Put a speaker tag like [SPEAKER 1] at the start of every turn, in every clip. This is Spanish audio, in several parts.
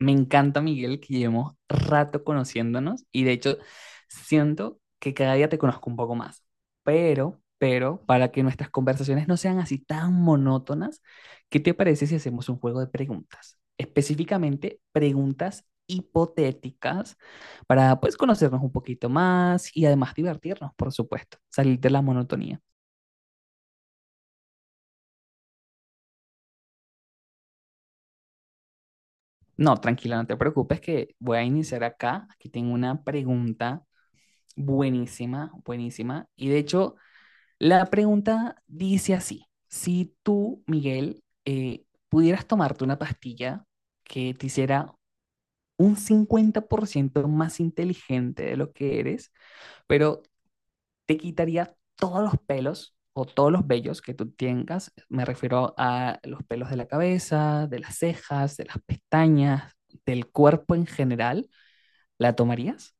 [SPEAKER 1] Me encanta, Miguel, que llevemos rato conociéndonos y de hecho siento que cada día te conozco un poco más. Para que nuestras conversaciones no sean así tan monótonas, ¿qué te parece si hacemos un juego de preguntas? Específicamente preguntas hipotéticas para pues conocernos un poquito más y además divertirnos, por supuesto, salir de la monotonía. No, tranquila, no te preocupes que voy a iniciar acá. Aquí tengo una pregunta buenísima. Y de hecho, la pregunta dice así, si tú, Miguel, pudieras tomarte una pastilla que te hiciera un 50% más inteligente de lo que eres, pero te quitaría todos los pelos o todos los vellos que tú tengas, me refiero a los pelos de la cabeza, de las cejas, de las pestañas, del cuerpo en general, ¿la tomarías?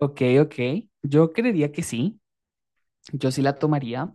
[SPEAKER 1] Ok, ok, yo creería que sí, yo sí la tomaría.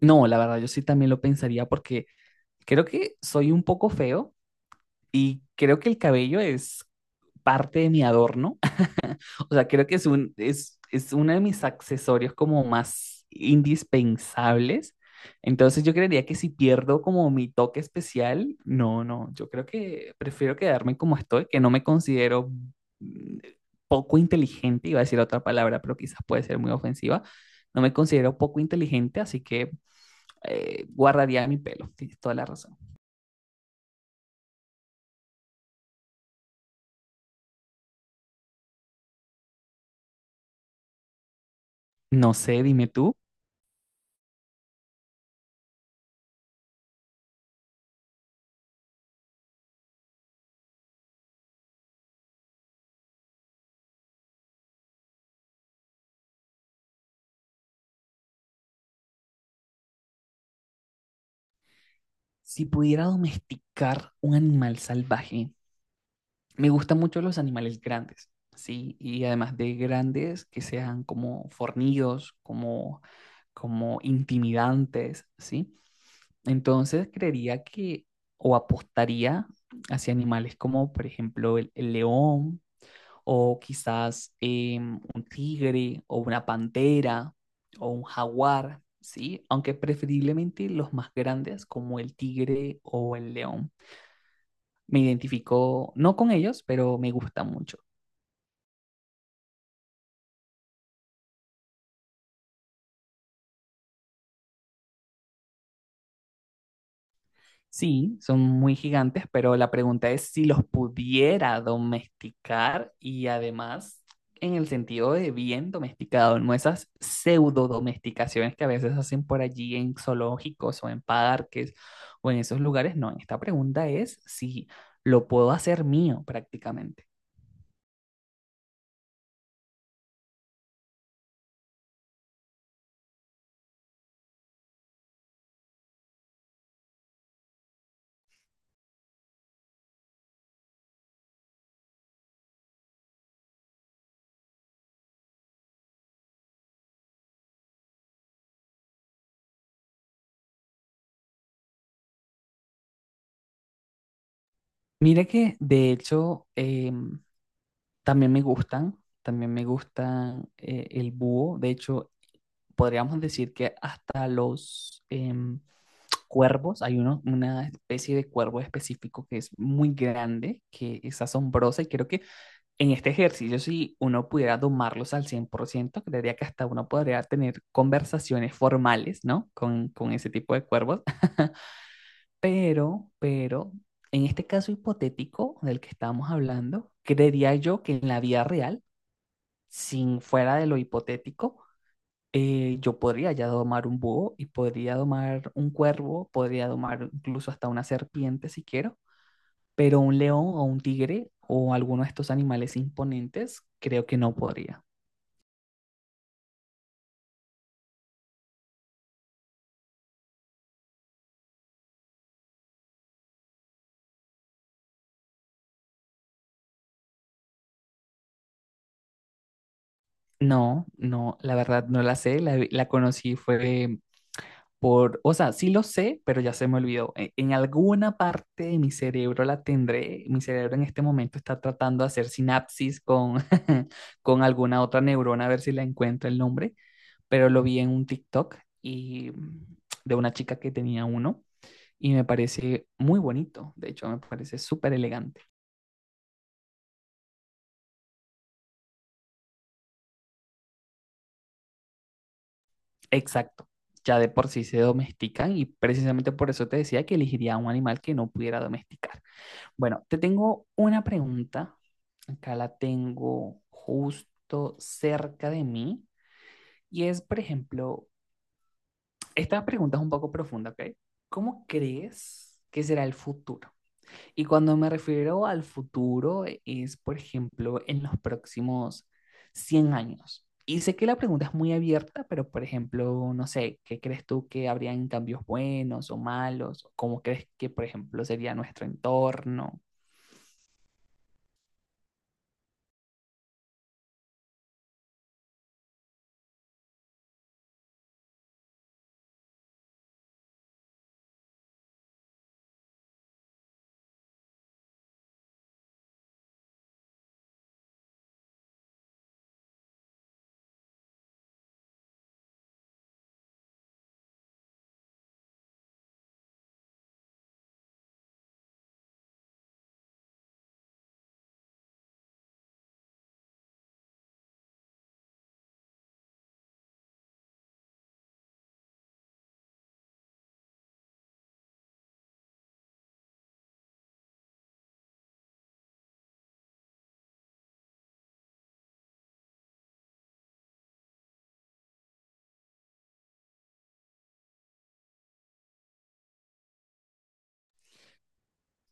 [SPEAKER 1] No, la verdad, yo sí también lo pensaría porque creo que soy un poco feo y creo que el cabello es parte de mi adorno. O sea, creo que es uno de mis accesorios como más indispensables. Entonces yo creería que si pierdo como mi toque especial, no, no, yo creo que prefiero quedarme como estoy, que no me considero mm, poco inteligente, iba a decir otra palabra, pero quizás puede ser muy ofensiva, no me considero poco inteligente, así que guardaría mi pelo, tienes toda la razón. No sé, dime tú, si pudiera domesticar un animal salvaje, me gustan mucho los animales grandes, ¿sí? Y además de grandes, que sean como fornidos, como intimidantes, ¿sí? Entonces creería que, o apostaría hacia animales como, por ejemplo, el león, o quizás un tigre o una pantera o un jaguar, ¿sí? Aunque preferiblemente los más grandes como el tigre o el león. Me identifico no con ellos, pero me gustan mucho. Sí, son muy gigantes, pero la pregunta es si los pudiera domesticar y además en el sentido de bien domesticado, no esas pseudo domesticaciones que a veces hacen por allí en zoológicos o en parques o en esos lugares. No, esta pregunta es si lo puedo hacer mío prácticamente. Mira que de hecho también me gustan, el búho. De hecho, podríamos decir que hasta los cuervos, hay una especie de cuervo específico que es muy grande, que es asombrosa y creo que en este ejercicio si uno pudiera domarlos al 100%, creería que hasta uno podría tener conversaciones formales, ¿no? Con ese tipo de cuervos. Pero, pero, en este caso hipotético del que estamos hablando, creería yo que en la vida real, sin fuera de lo hipotético, yo podría ya domar un búho y podría domar un cuervo, podría domar incluso hasta una serpiente si quiero, pero un león o un tigre o alguno de estos animales imponentes, creo que no podría. No, la verdad no la sé, la conocí fue por, o sea, sí lo sé, pero ya se me olvidó. En alguna parte de mi cerebro la tendré, mi cerebro en este momento está tratando de hacer sinapsis con, con alguna otra neurona a ver si la encuentro el nombre pero lo vi en un TikTok y de una chica que tenía uno y me parece muy bonito, de hecho me parece súper elegante. Exacto, ya de por sí se domestican y precisamente por eso te decía que elegiría un animal que no pudiera domesticar. Bueno, te tengo una pregunta, acá la tengo justo cerca de mí y es, por ejemplo, esta pregunta es un poco profunda, ¿ok? ¿Cómo crees que será el futuro? Y cuando me refiero al futuro, es, por ejemplo, en los próximos 100 años. Y sé que la pregunta es muy abierta, pero, por ejemplo, no sé, ¿qué crees tú que habrían cambios buenos o malos? ¿Cómo crees que, por ejemplo, sería nuestro entorno?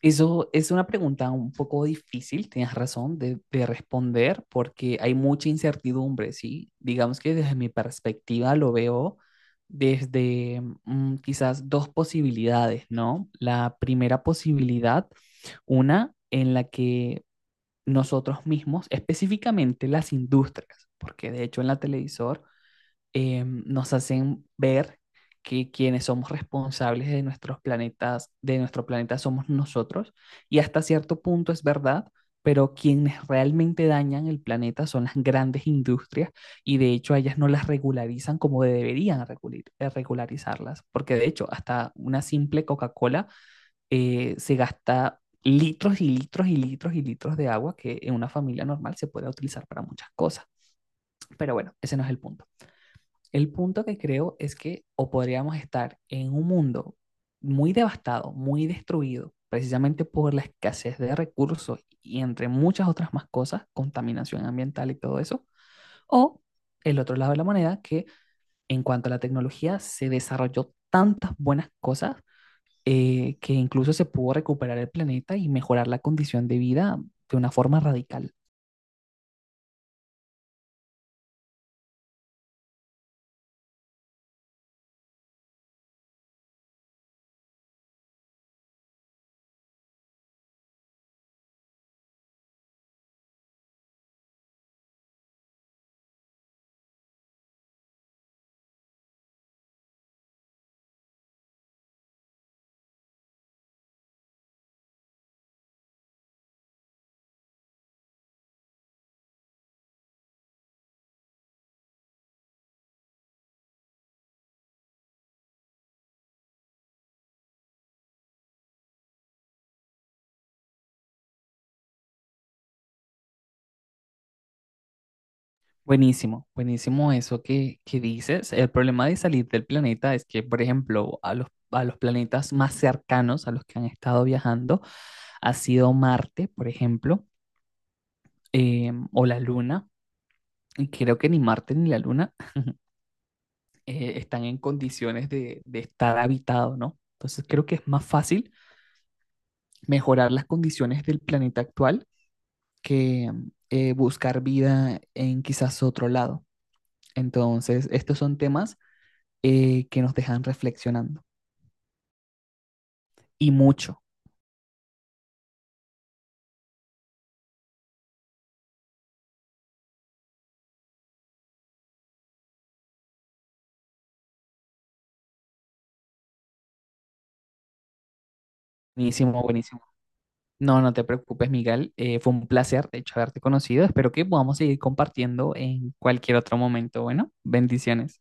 [SPEAKER 1] Eso es una pregunta un poco difícil, tienes razón, de responder porque hay mucha incertidumbre, ¿sí? Digamos que desde mi perspectiva lo veo desde quizás dos posibilidades, ¿no? La primera posibilidad, una en la que nosotros mismos, específicamente las industrias, porque de hecho en la televisor nos hacen ver que quienes somos responsables de nuestros planetas, de nuestro planeta somos nosotros, y hasta cierto punto es verdad, pero quienes realmente dañan el planeta son las grandes industrias y de hecho ellas no las regularizan como deberían regularizarlas, porque de hecho hasta una simple Coca-Cola se gasta litros y litros y litros y litros de agua que en una familia normal se puede utilizar para muchas cosas. Pero bueno, ese no es el punto. El punto que creo es que o podríamos estar en un mundo muy devastado, muy destruido, precisamente por la escasez de recursos y entre muchas otras más cosas, contaminación ambiental y todo eso, o el otro lado de la moneda, que en cuanto a la tecnología se desarrolló tantas buenas cosas que incluso se pudo recuperar el planeta y mejorar la condición de vida de una forma radical. Buenísimo, buenísimo eso que dices. El problema de salir del planeta es que, por ejemplo, a a los planetas más cercanos a los que han estado viajando ha sido Marte, por ejemplo, o la Luna. Y creo que ni Marte ni la Luna están en condiciones de estar habitado, ¿no? Entonces creo que es más fácil mejorar las condiciones del planeta actual que buscar vida en quizás otro lado. Entonces, estos son temas que nos dejan reflexionando. Y mucho. Buenísimo, buenísimo. No, no te preocupes, Miguel. Fue un placer, de hecho, haberte conocido. Espero que podamos seguir compartiendo en cualquier otro momento. Bueno, bendiciones.